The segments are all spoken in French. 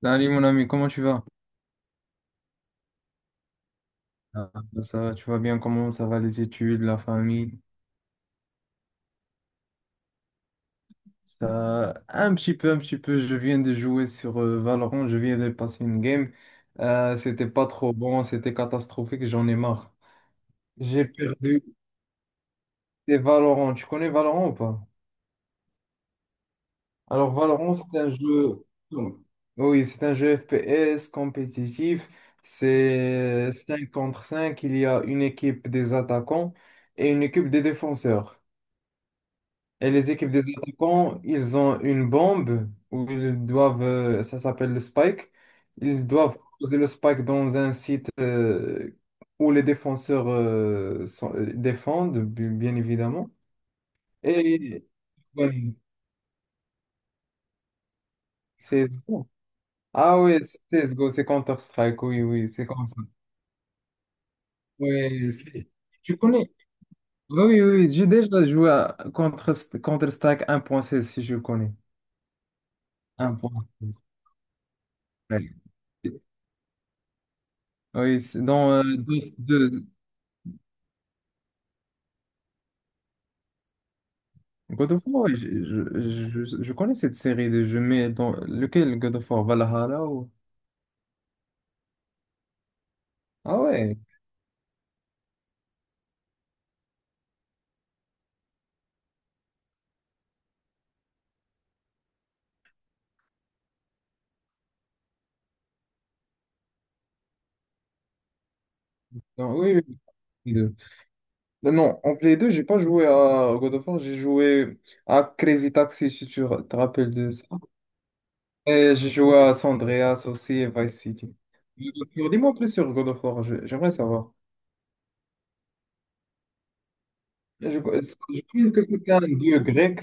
Salut mon ami, comment tu vas? Ah, ça va, tu vas bien? Comment ça va les études, la famille? Ça, un petit peu, un petit peu. Je viens de jouer sur Valorant, je viens de passer une game. C'était pas trop bon, c'était catastrophique, j'en ai marre. J'ai perdu. C'est Valorant. Tu connais Valorant ou pas? Alors Valorant, c'est un jeu. Oui, c'est un jeu FPS compétitif. C'est 5 contre cinq. Il y a une équipe des attaquants et une équipe des défenseurs. Et les équipes des attaquants, ils ont une bombe où ils doivent, ça s'appelle le spike, ils doivent poser le spike dans un site où les défenseurs défendent, bien évidemment. Et ouais, CSGO. Ah oui, CSGO, c'est Counter-Strike, oui, oui, c'est comme ça. Oui, tu connais? Oui, oui, oui, j'ai déjà joué à Counter-Strike 1.16, si je connais. 1.16. Ouais. Oui, c'est dans de- God of War, ouais, je connais cette série de jeux, mais dans lequel God of War? Valhalla ou... Ah ouais, non, oui, oui. Play 2. Non, non, en Play 2 j'ai pas joué à God of War, j'ai joué à Crazy Taxi, si tu te rappelles de ça. Et j'ai joué à San Andreas aussi et Vice City. Alors, dis-moi plus sur God of War, j'aimerais savoir. Je crois que c'était un dieu grec.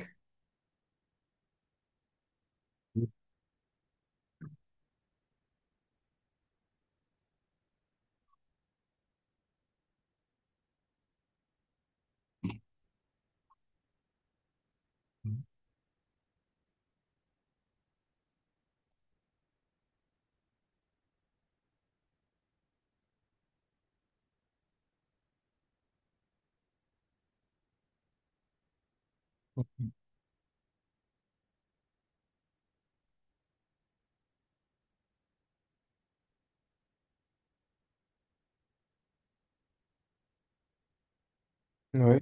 Oui,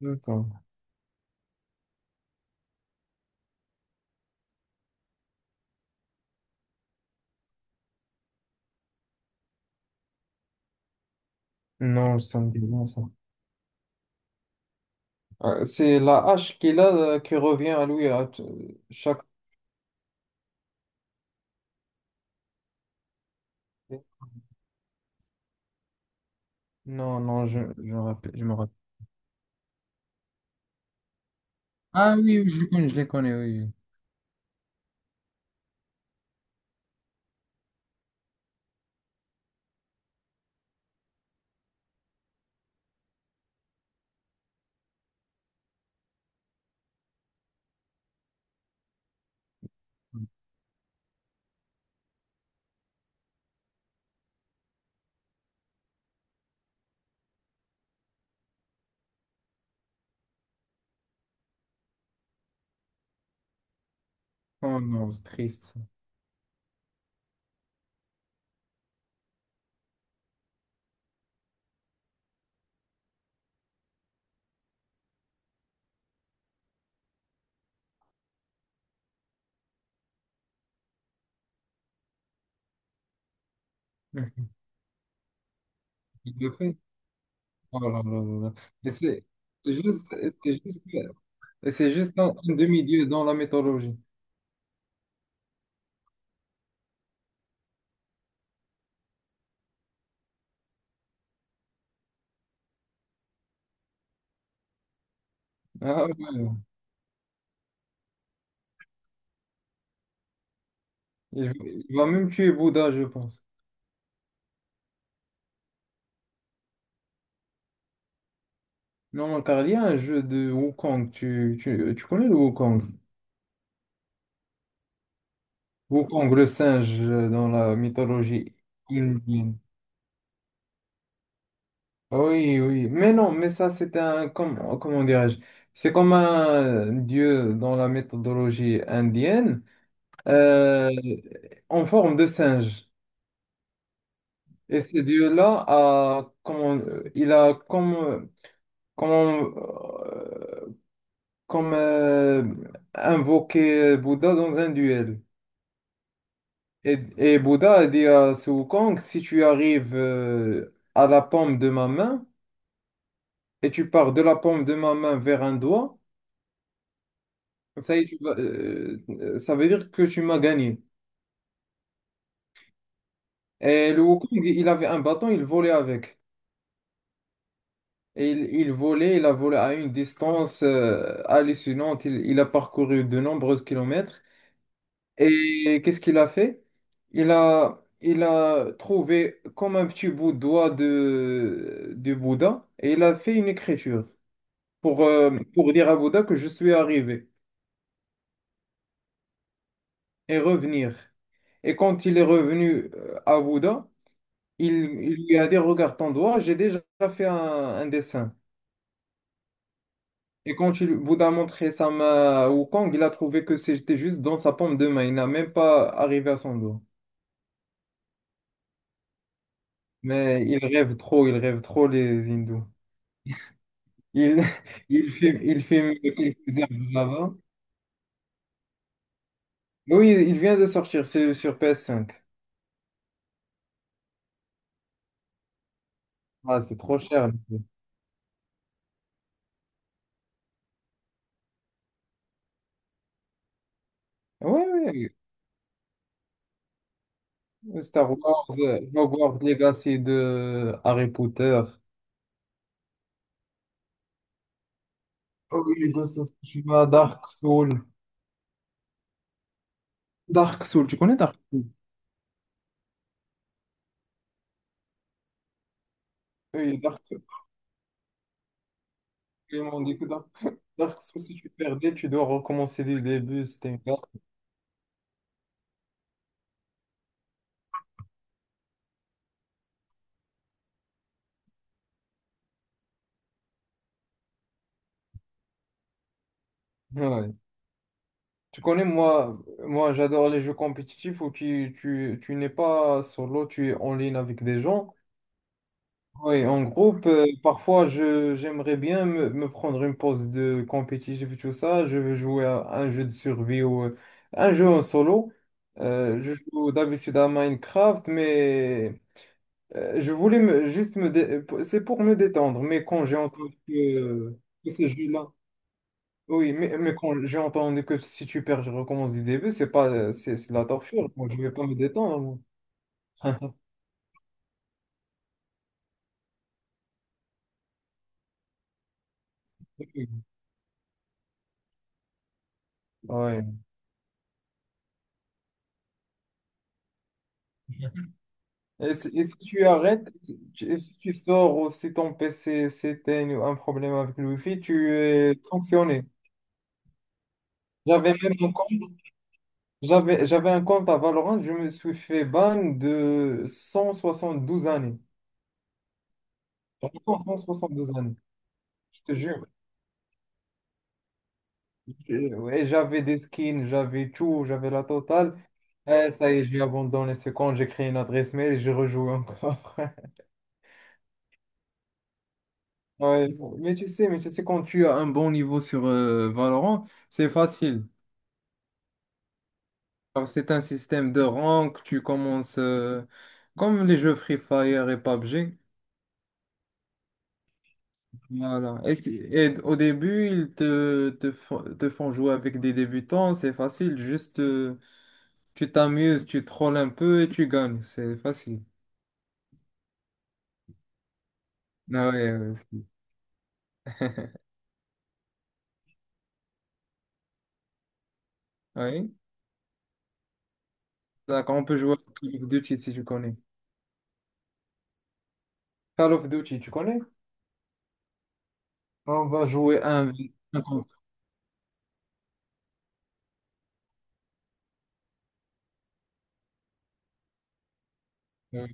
d'accord. Non, ça me dit rien, ça. C'est la hache qu'il a qui revient à lui chaque. Non, non, je me rappelle, je me rappelle. Ah oui, oui, je les connais, oui. Oui. Oh non, c'est triste, ça. Il le fait. Oh là là là là. Et c'est juste, c'est juste, et c'est juste un demi-dieu dans la mythologie. Ah ouais, ouais. Il, il va même tuer Bouddha, je pense. Non, car il y a un jeu de Wukong. Tu connais le Wukong? Wukong, le singe dans la mythologie indienne. Oui, oui, mais non, mais ça c'est un, comment, comment dirais-je, c'est comme un dieu dans la méthodologie indienne, euh, en forme de singe. Et ce dieu-là a, comment, il a comme, euh, comme invoqué Bouddha dans un duel. Et Bouddha a dit à Sun Wukong, si tu arrives à la paume de ma main et tu pars de la paume de ma main vers un doigt, ça y est, ça veut dire que tu m'as gagné. Et le Wukong, il avait un bâton, il volait avec. Et il volait, il a volé à une distance hallucinante. Il a parcouru de nombreux kilomètres. Et qu'est-ce qu'il a fait? Il a trouvé comme un petit bout de doigt de, du Bouddha et il a fait une écriture pour dire à Bouddha que je suis arrivé et revenir. Et quand il est revenu à Bouddha, Il, il lui a dit, regarde ton doigt, j'ai déjà fait un dessin. Et quand il, Bouddha a montré sa main à Wukong, il a trouvé que c'était juste dans sa paume de main. Il n'a même pas arrivé à son doigt. Mais il rêve trop les hindous. Il, il filme quelques heures là-bas. Oui, il vient de sortir, c'est sur PS5. Ah, c'est trop cher. Oui, oui. Star Wars, Hogwarts Legacy de Harry Potter. Oui, Ghost of Tsushima, Dark Souls. Dark Souls, tu connais Dark Souls? Oui, Dark Souls. Ils m'ont dit que Dark, Dark Souls, si tu perdais, tu dois recommencer du début. C'était une carte. Ouais. Tu connais, moi, moi j'adore les jeux compétitifs où tu n'es pas solo, tu es en ligne avec des gens. Oui, en groupe, parfois, j'aimerais bien me prendre une pause de compétitif et tout ça. Je veux jouer à un jeu de survie ou un jeu en solo. Je joue d'habitude à Minecraft, mais. Je voulais me- juste me... dé- C'est pour me détendre, mais quand j'ai entendu que, que ces jeux-là... Oui, mais quand j'ai entendu que si tu perds, je recommence du début, c'est pas, c'est de la torture. Moi, je vais pas me détendre. Moi. Ouais. Et si tu arrêtes, et si tu sors ou si ton PC s'éteint ou un problème avec le Wi-Fi, tu es sanctionné. J'avais même un compte, j'avais un compte à Valorant, je me suis fait ban de 172 années. Vraiment, 172 années. Je te jure. Et ouais, j'avais des skins, j'avais tout, j'avais la totale. Eh, ça y est, j'ai abandonné ce compte, j'ai créé une adresse mail et j'ai rejoué encore. Ouais, mais tu sais, quand tu as un bon niveau sur Valorant, c'est facile. Car c'est un système de rank, tu commences comme les jeux Free Fire et PUBG. Voilà. Et, et au début, ils te font jouer avec des débutants, c'est facile. Juste, tu t'amuses, tu trolls un peu et tu gagnes. C'est facile. Ah ouais, ouais, aussi. Oui. D'accord, on peut jouer à Call of Duty si tu connais. Call of Duty, tu connais? On va jouer un, v un contre. Oui,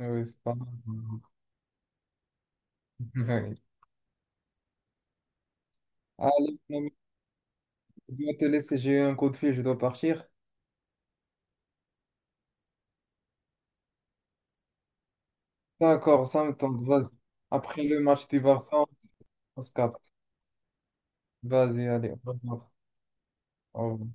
oui, c'est pas mal. Oui. Allez, mon ami, je dois te laisser, j'ai eu un coup de fil, je dois partir. D'accord, ça me tente, vas-y. Après le match du Barça, on se capte. Vas-y, allez, au revoir. Au revoir.